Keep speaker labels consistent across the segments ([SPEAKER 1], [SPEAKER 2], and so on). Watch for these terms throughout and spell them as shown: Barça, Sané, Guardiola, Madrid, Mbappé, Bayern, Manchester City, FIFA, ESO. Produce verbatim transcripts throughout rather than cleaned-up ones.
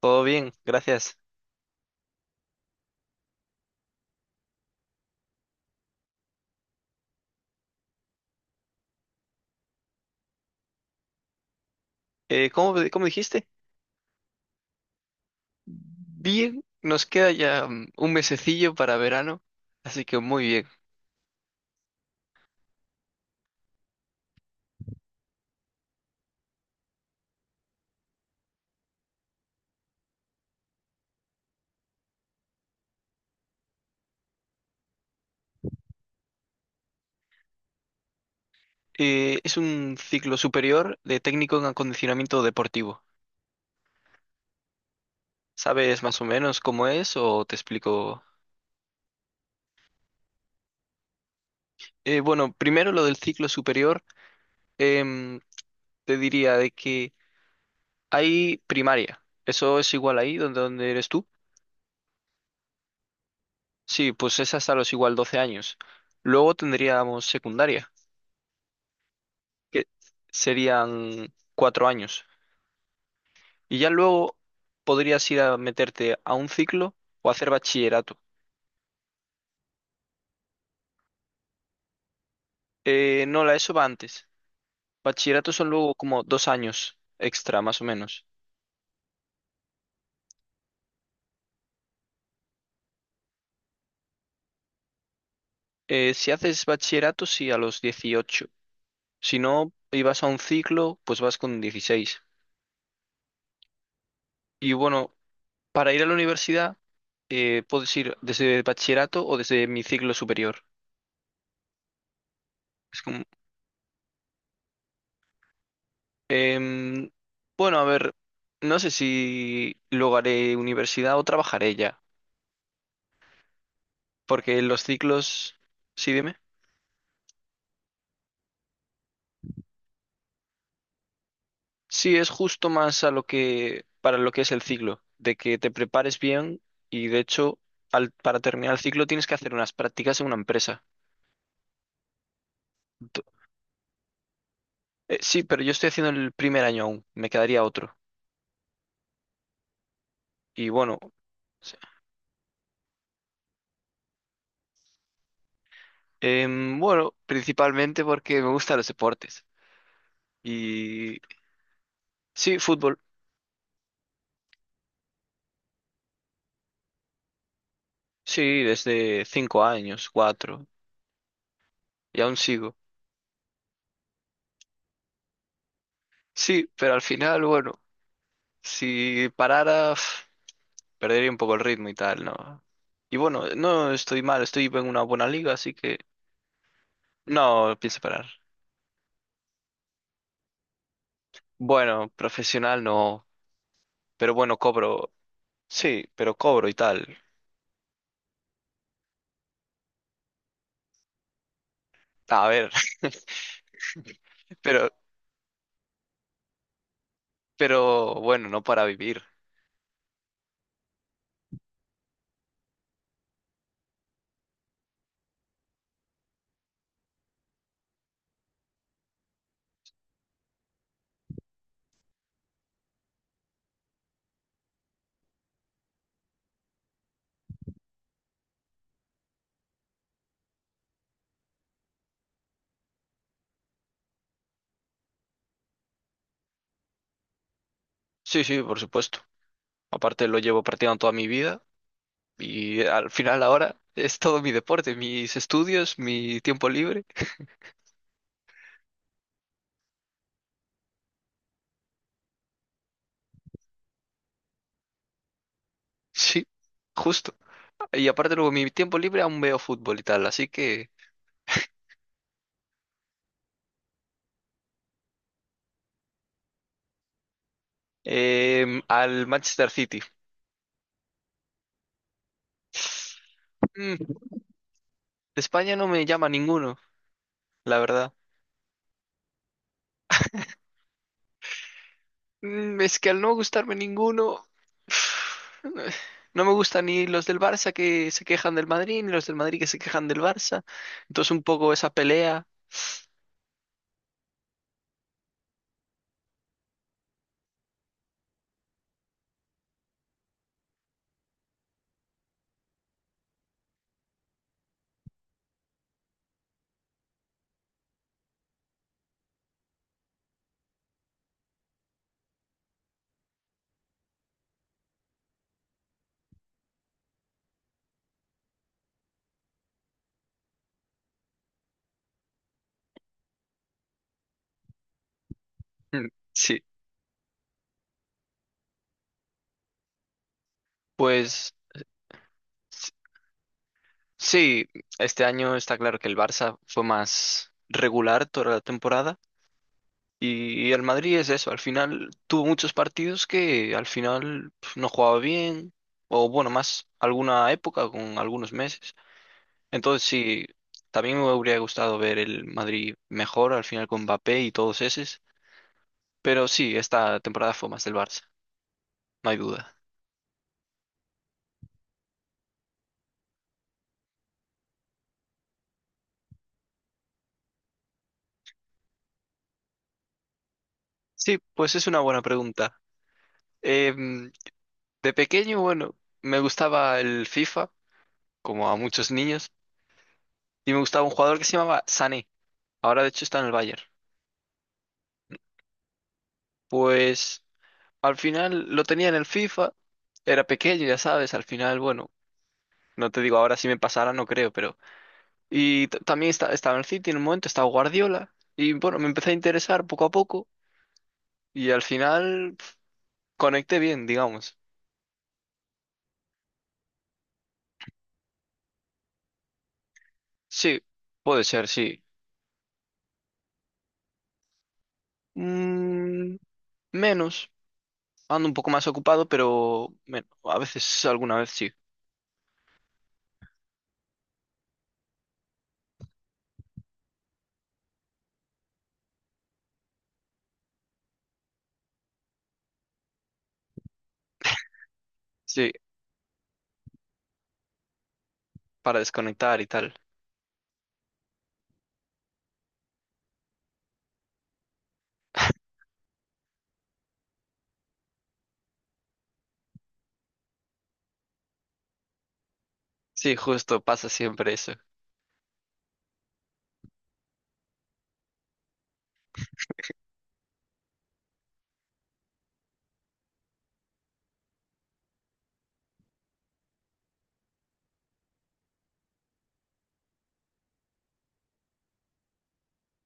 [SPEAKER 1] Todo bien, gracias. Eh, ¿cómo, cómo dijiste? Bien, nos queda ya mm, un mesecillo para verano, así que muy bien. Eh, es un ciclo superior de técnico en acondicionamiento deportivo. ¿Sabes más o menos cómo es o te explico? Eh, bueno, primero lo del ciclo superior, em, te diría de que hay primaria. ¿Eso es igual ahí donde, donde eres tú? Sí, pues es hasta los igual doce años. Luego tendríamos secundaria, que serían cuatro años. Y ya luego podrías ir a meterte a un ciclo o hacer bachillerato. Eh, no, la ESO va antes. Bachillerato son luego como dos años extra, más o menos. Eh, si haces bachillerato, sí, a los dieciocho. Si no, ibas a un ciclo, pues vas con dieciséis. Y bueno, para ir a la universidad, eh, puedes ir desde bachillerato o desde mi ciclo superior. Es como, em, bueno, a ver, no sé si luego haré universidad o trabajaré ya. Porque los ciclos, sí, dime. Sí, es justo más a lo que, para lo que es el ciclo, de que te prepares bien y de hecho, al, para terminar el ciclo tienes que hacer unas prácticas en una empresa. Ento- eh, sí, pero yo estoy haciendo el primer año aún, me quedaría otro. Y bueno, s- em, bueno, principalmente porque me gustan los deportes. Y sí, fútbol, sí, desde cinco años, cuatro, y aún sigo. Sí, pero al final, bueno, si parara, perdería un poco el ritmo y tal, ¿no? Y bueno, no estoy mal, estoy en una buena liga, así que no pienso parar. Bueno, profesional no, pero bueno, cobro, sí, pero cobro y tal. A ver, pero, pero bueno, no para vivir. Sí, sí, por supuesto. Aparte lo llevo practicando toda mi vida y al final ahora es todo mi deporte, mis estudios, mi tiempo libre. Sí, justo. Y aparte luego mi tiempo libre aún veo fútbol y tal, así que. Em, al Manchester City. Mm, de España no me llama ninguno, la verdad. Mm, es que al no gustarme ninguno, no me gustan ni los del Barça que se quejan del Madrid, ni los del Madrid que se quejan del Barça. Entonces un poco esa pelea. Mm, Sí, pues s- sí, este año está claro que el Barça fue más regular toda la temporada. Y el Madrid es eso, al final tuvo muchos partidos que al final pf, no jugaba bien, o bueno, más alguna época con algunos meses. Entonces sí, también me hubiera gustado ver el Madrid mejor al final con Mbappé y todos esos, pero sí, esta temporada fue más del Barça, no hay duda. Sí, pues es una buena pregunta. Em, de pequeño, bueno, me gustaba el FIFA, como a muchos niños, y me gustaba un jugador que se llamaba Sané, ahora de hecho está en el Bayern. Pues, al final lo tenía en el FIFA, era pequeño, ya sabes, al final, bueno, no te digo ahora si me pasara, no creo, pero. Y t- también esta- estaba en el City en un momento, estaba Guardiola, y bueno, me empecé a interesar poco a poco, y al final pf, conecté bien, digamos. Sí, puede ser, sí. Mm, Menos, ando un poco más ocupado, pero men- a veces, alguna vez sí. Sí, para desconectar y tal. Sí, justo, pasa siempre eso.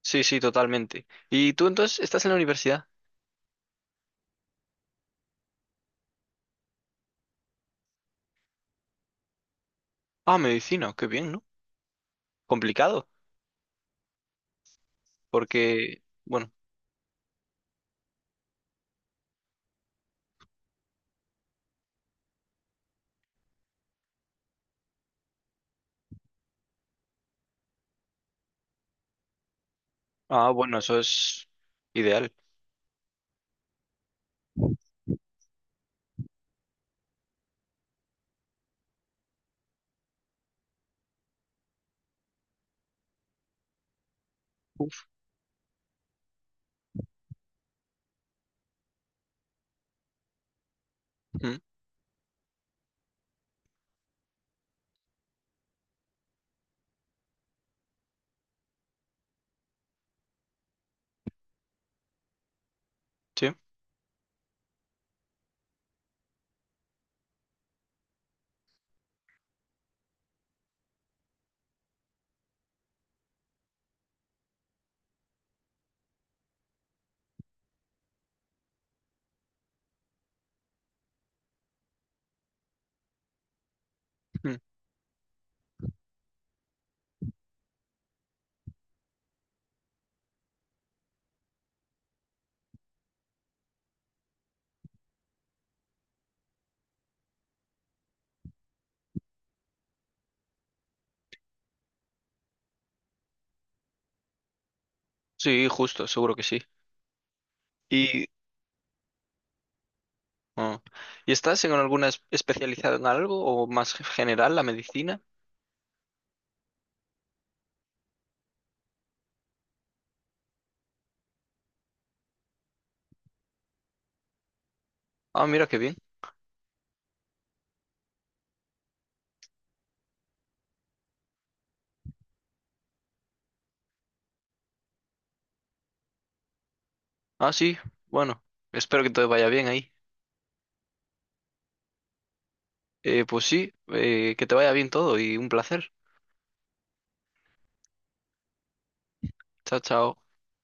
[SPEAKER 1] Sí, sí, totalmente. ¿Y tú entonces estás en la universidad? Ah, medicina, qué bien, ¿no? Complicado, porque, bueno, ah, bueno, eso es ideal. Uf. Mm. Sí, mm, sí, justo, seguro que sí. Y, ah, ¿Y estás en alguna es- especializada en algo o más ge- general la medicina? Ah, mira, qué bien. Ah, sí, bueno, espero que te vaya bien ahí. Eh, pues sí, eh, que te vaya bien todo y un placer. Chao, chao.